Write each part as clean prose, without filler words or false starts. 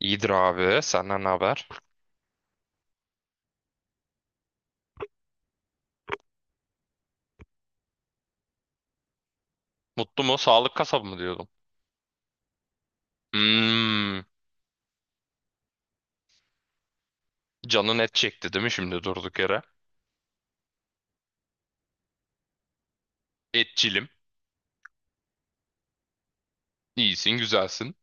İyidir abi. Senden ne haber? Mutlu mu? Sağlık kasabı mı diyordum. Hmm, canın et çekti değil mi şimdi durduk yere? Etçilim. İyisin, güzelsin.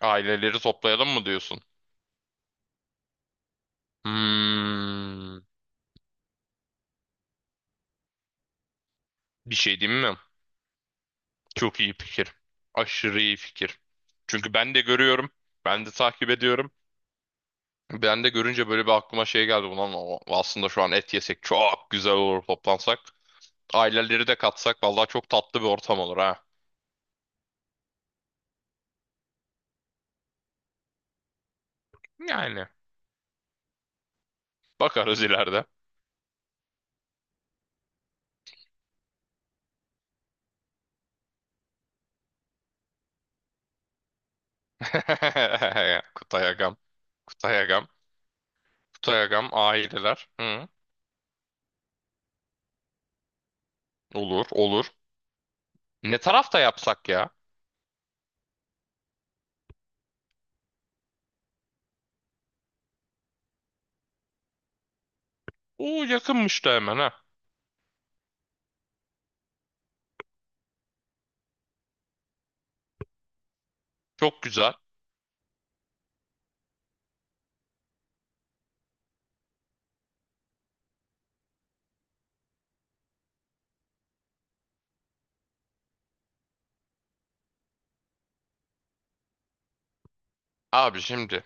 Aileleri toplayalım mı diyorsun? Hmm, bir şey diyeyim mi? Çok iyi fikir. Aşırı iyi fikir. Çünkü ben de görüyorum. Ben de takip ediyorum. Ben de görünce böyle bir aklıma şey geldi. Aslında şu an et yesek çok güzel olur toplansak. Aileleri de katsak. Vallahi çok tatlı bir ortam olur ha. Yani. Bakarız ileride. Kutay Agam. Kutay Agam. Kutay Agam aileler. Hı. Olur, olur. Ne tarafta yapsak ya? Oo, yakınmış da hemen ha. Çok güzel. Abi şimdi.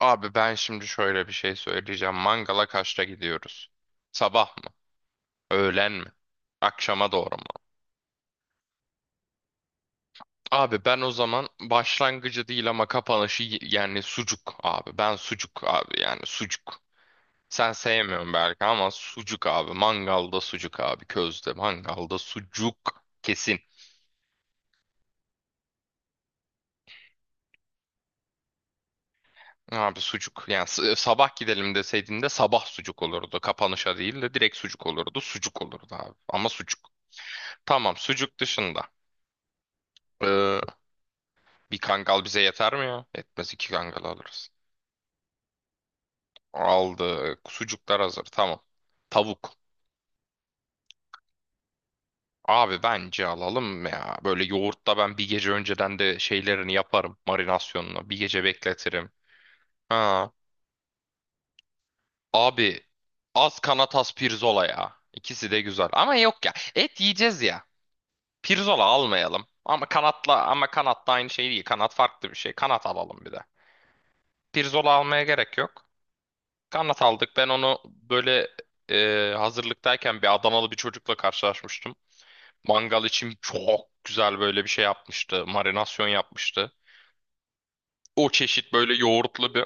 Abi ben şimdi şöyle bir şey söyleyeceğim. Mangala kaçta gidiyoruz? Sabah mı? Öğlen mi? Akşama doğru mu? Abi ben o zaman başlangıcı değil ama yani sucuk abi. Ben sucuk abi yani sucuk. Sen sevmiyorsun belki ama sucuk abi. Mangalda sucuk abi. Közde mangalda sucuk. Kesin. Abi sucuk. Yani sabah gidelim deseydin de sabah sucuk olurdu. Kapanışa değil de direkt sucuk olurdu. Sucuk olurdu abi. Ama sucuk. Tamam sucuk dışında. Ee, Bir kangal bize yeter mi ya? Yetmez, iki kangal alırız. Aldık. Sucuklar hazır. Tamam. Tavuk. Abi bence alalım ya. Böyle yoğurtta ben bir gece önceden de şeylerini yaparım. Marinasyonunu. Bir gece bekletirim. Ha. Abi az kanatas pirzola ya. İkisi de güzel. Ama yok ya. Et yiyeceğiz ya. Pirzola almayalım. Ama kanatla ama kanat da aynı şey değil. Kanat farklı bir şey. Kanat alalım bir de. Pirzola almaya gerek yok. Kanat aldık. Ben onu böyle hazırlıktayken bir Adanalı bir çocukla karşılaşmıştım. Mangal için çok güzel böyle bir şey yapmıştı. Marinasyon yapmıştı. O çeşit böyle yoğurtlu bir.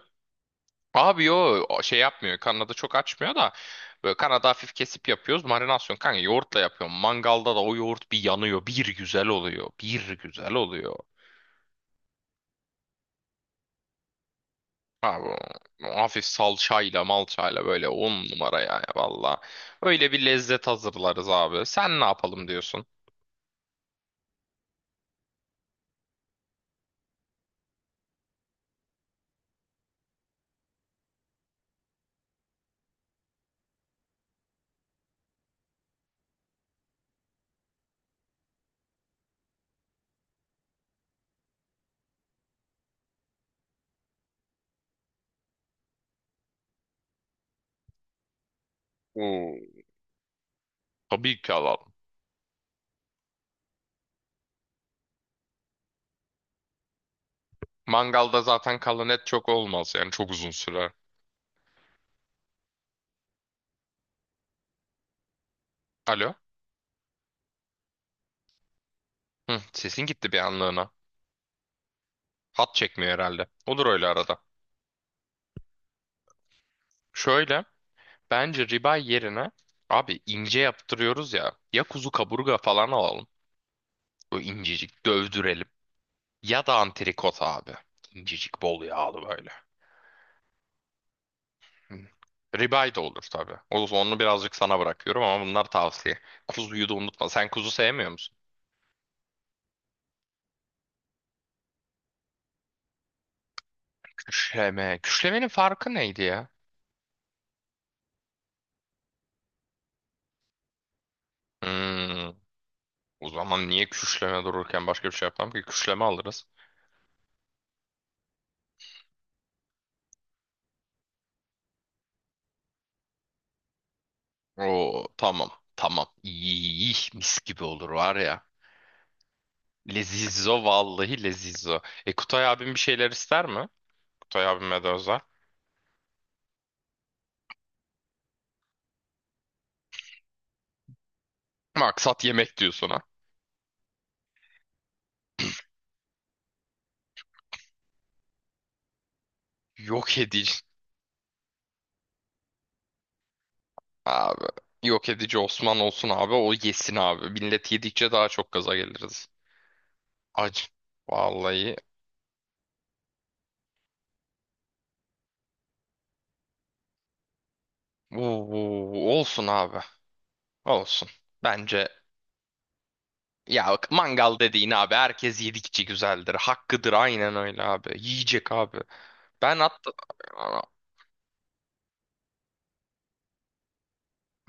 Abi yo, o şey yapmıyor. Kanada çok açmıyor da böyle Kanada hafif kesip yapıyoruz. Marinasyon kanka yoğurtla yapıyorum. Mangalda da o yoğurt bir yanıyor. Bir güzel oluyor. Bir güzel oluyor. Abi o hafif salçayla malçayla böyle on numara yani valla. Öyle bir lezzet hazırlarız abi. Sen ne yapalım diyorsun? Oo. Tabii ki alalım. Mangalda zaten kalan et çok olmaz yani çok uzun sürer. Alo? Hı, sesin gitti bir anlığına. Hat çekmiyor herhalde. Olur öyle arada. Şöyle. Bence ribeye yerine abi ince yaptırıyoruz ya. Ya kuzu kaburga falan alalım. O incecik dövdürelim. Ya da antrikot abi. İncecik bol yağlı böyle. Hı. Ribeye de olur tabii. O onu birazcık sana bırakıyorum ama bunlar tavsiye. Kuzuyu da unutma. Sen kuzu sevmiyor musun? Küşleme. Küşlemenin farkı neydi ya? Hmm. O zaman niye küşleme dururken başka bir şey yapmam ki? Küşleme alırız. Oo tamam. Tamam. İyi, iyi, iyi, mis gibi olur var ya. Lezizo, vallahi lezizo. E, Kutay abim bir şeyler ister mi? Kutay abim Medoza. Maksat yemek diyor sana. Yok edici abi. Yok edici Osman olsun abi, o yesin abi. Millet yedikçe daha çok gaza geliriz. Acı. Vallahi. Uuu, olsun abi. Olsun. Bence ya bak, mangal dediğin abi herkes yedikçe güzeldir. Hakkıdır, aynen öyle abi. Yiyecek abi. Ben hatta.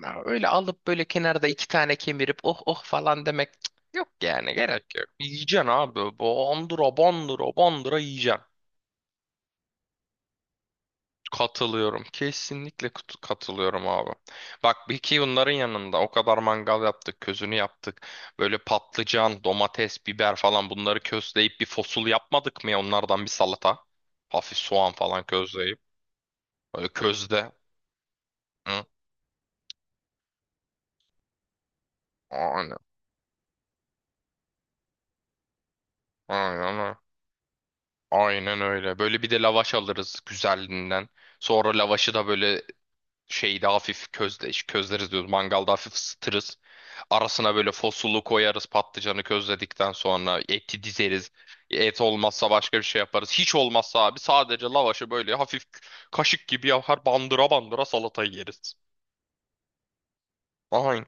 Ya öyle alıp böyle kenarda iki tane kemirip oh oh falan demek, cık, yok yani gerek yok. Yiyeceksin abi. Bandıra bandıra bandıra yiyeceksin. Katılıyorum. Kesinlikle katılıyorum abi. Bak bir ki bunların yanında o kadar mangal yaptık, közünü yaptık. Böyle patlıcan, domates, biber falan bunları közleyip bir fosul yapmadık mı ya onlardan bir salata? Hafif soğan falan közleyip. Böyle közde. Hı? Aynen. Aynen. Aynen öyle. Böyle bir de lavaş alırız güzelliğinden. Sonra lavaşı da böyle şeyde hafif közde, közleriz diyoruz. Mangalda hafif ısıtırız. Arasına böyle fosulu koyarız patlıcanı közledikten sonra. Eti dizeriz. Et olmazsa başka bir şey yaparız. Hiç olmazsa abi sadece lavaşı böyle hafif kaşık gibi yapar bandıra bandıra salatayı yeriz. Aynen.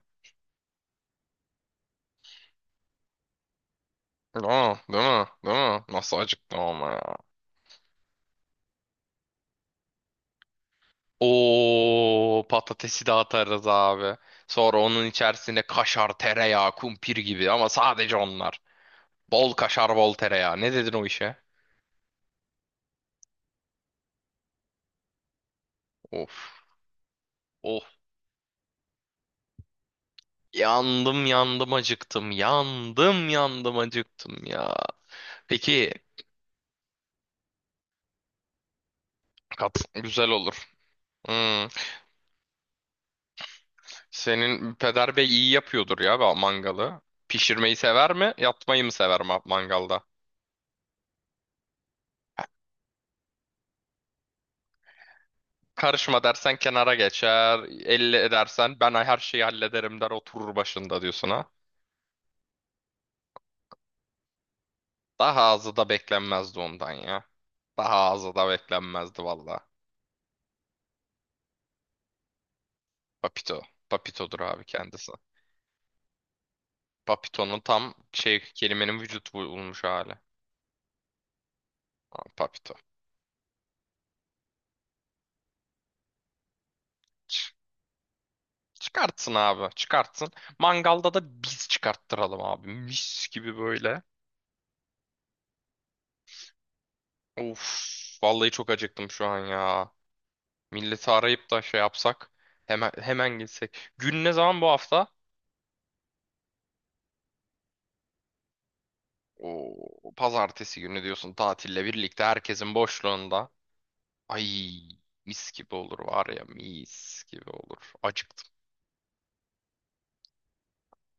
Aa, değil mi? Değil mi? Nasıl acıktım ama. O patatesi de atarız abi. Sonra onun içerisine kaşar, tereyağı, kumpir gibi ama sadece onlar. Bol kaşar, bol tereyağı. Ne dedin o işe? Of, of. Yandım yandım acıktım. Yandım yandım acıktım ya. Peki kat güzel olur. Hmm. Senin peder bey iyi yapıyordur ya mangalı. Pişirmeyi sever mi? Yapmayı mı sever mangalda? Karışma dersen kenara geçer. Elle edersen ben her şeyi hallederim der, oturur başında diyorsun ha. Daha azı da beklenmezdi ondan ya. Daha azı da beklenmezdi valla. Papito. Papito'dur abi kendisi. Papito'nun tam şey, kelimenin vücut bulmuş hali. Abi Papito. Ç- Çıkartsın abi çıkartsın. Mangalda da biz çıkarttıralım abi. Mis gibi böyle. Of, vallahi çok acıktım şu an ya. Milleti arayıp da şey yapsak hemen hemen gitsek. Gün ne zaman bu hafta? O pazartesi günü diyorsun tatille birlikte herkesin boşluğunda. Ay, mis gibi olur var ya, mis gibi olur. Acıktım.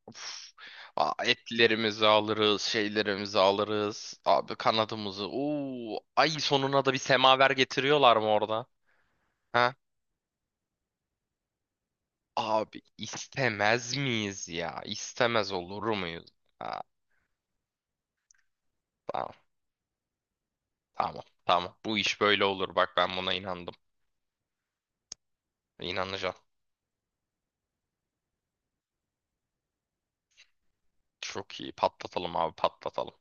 Uf. Aa, etlerimizi alırız, şeylerimizi alırız. Abi kanadımızı. Oo, ay sonuna da bir semaver getiriyorlar mı orada? Ha? Abi istemez miyiz ya? İstemez olur muyuz? Ha, tamam. Tamam. Tamam. Bu iş böyle olur. Bak ben buna inandım. İnanacağım. Çok iyi. Patlatalım abi patlatalım.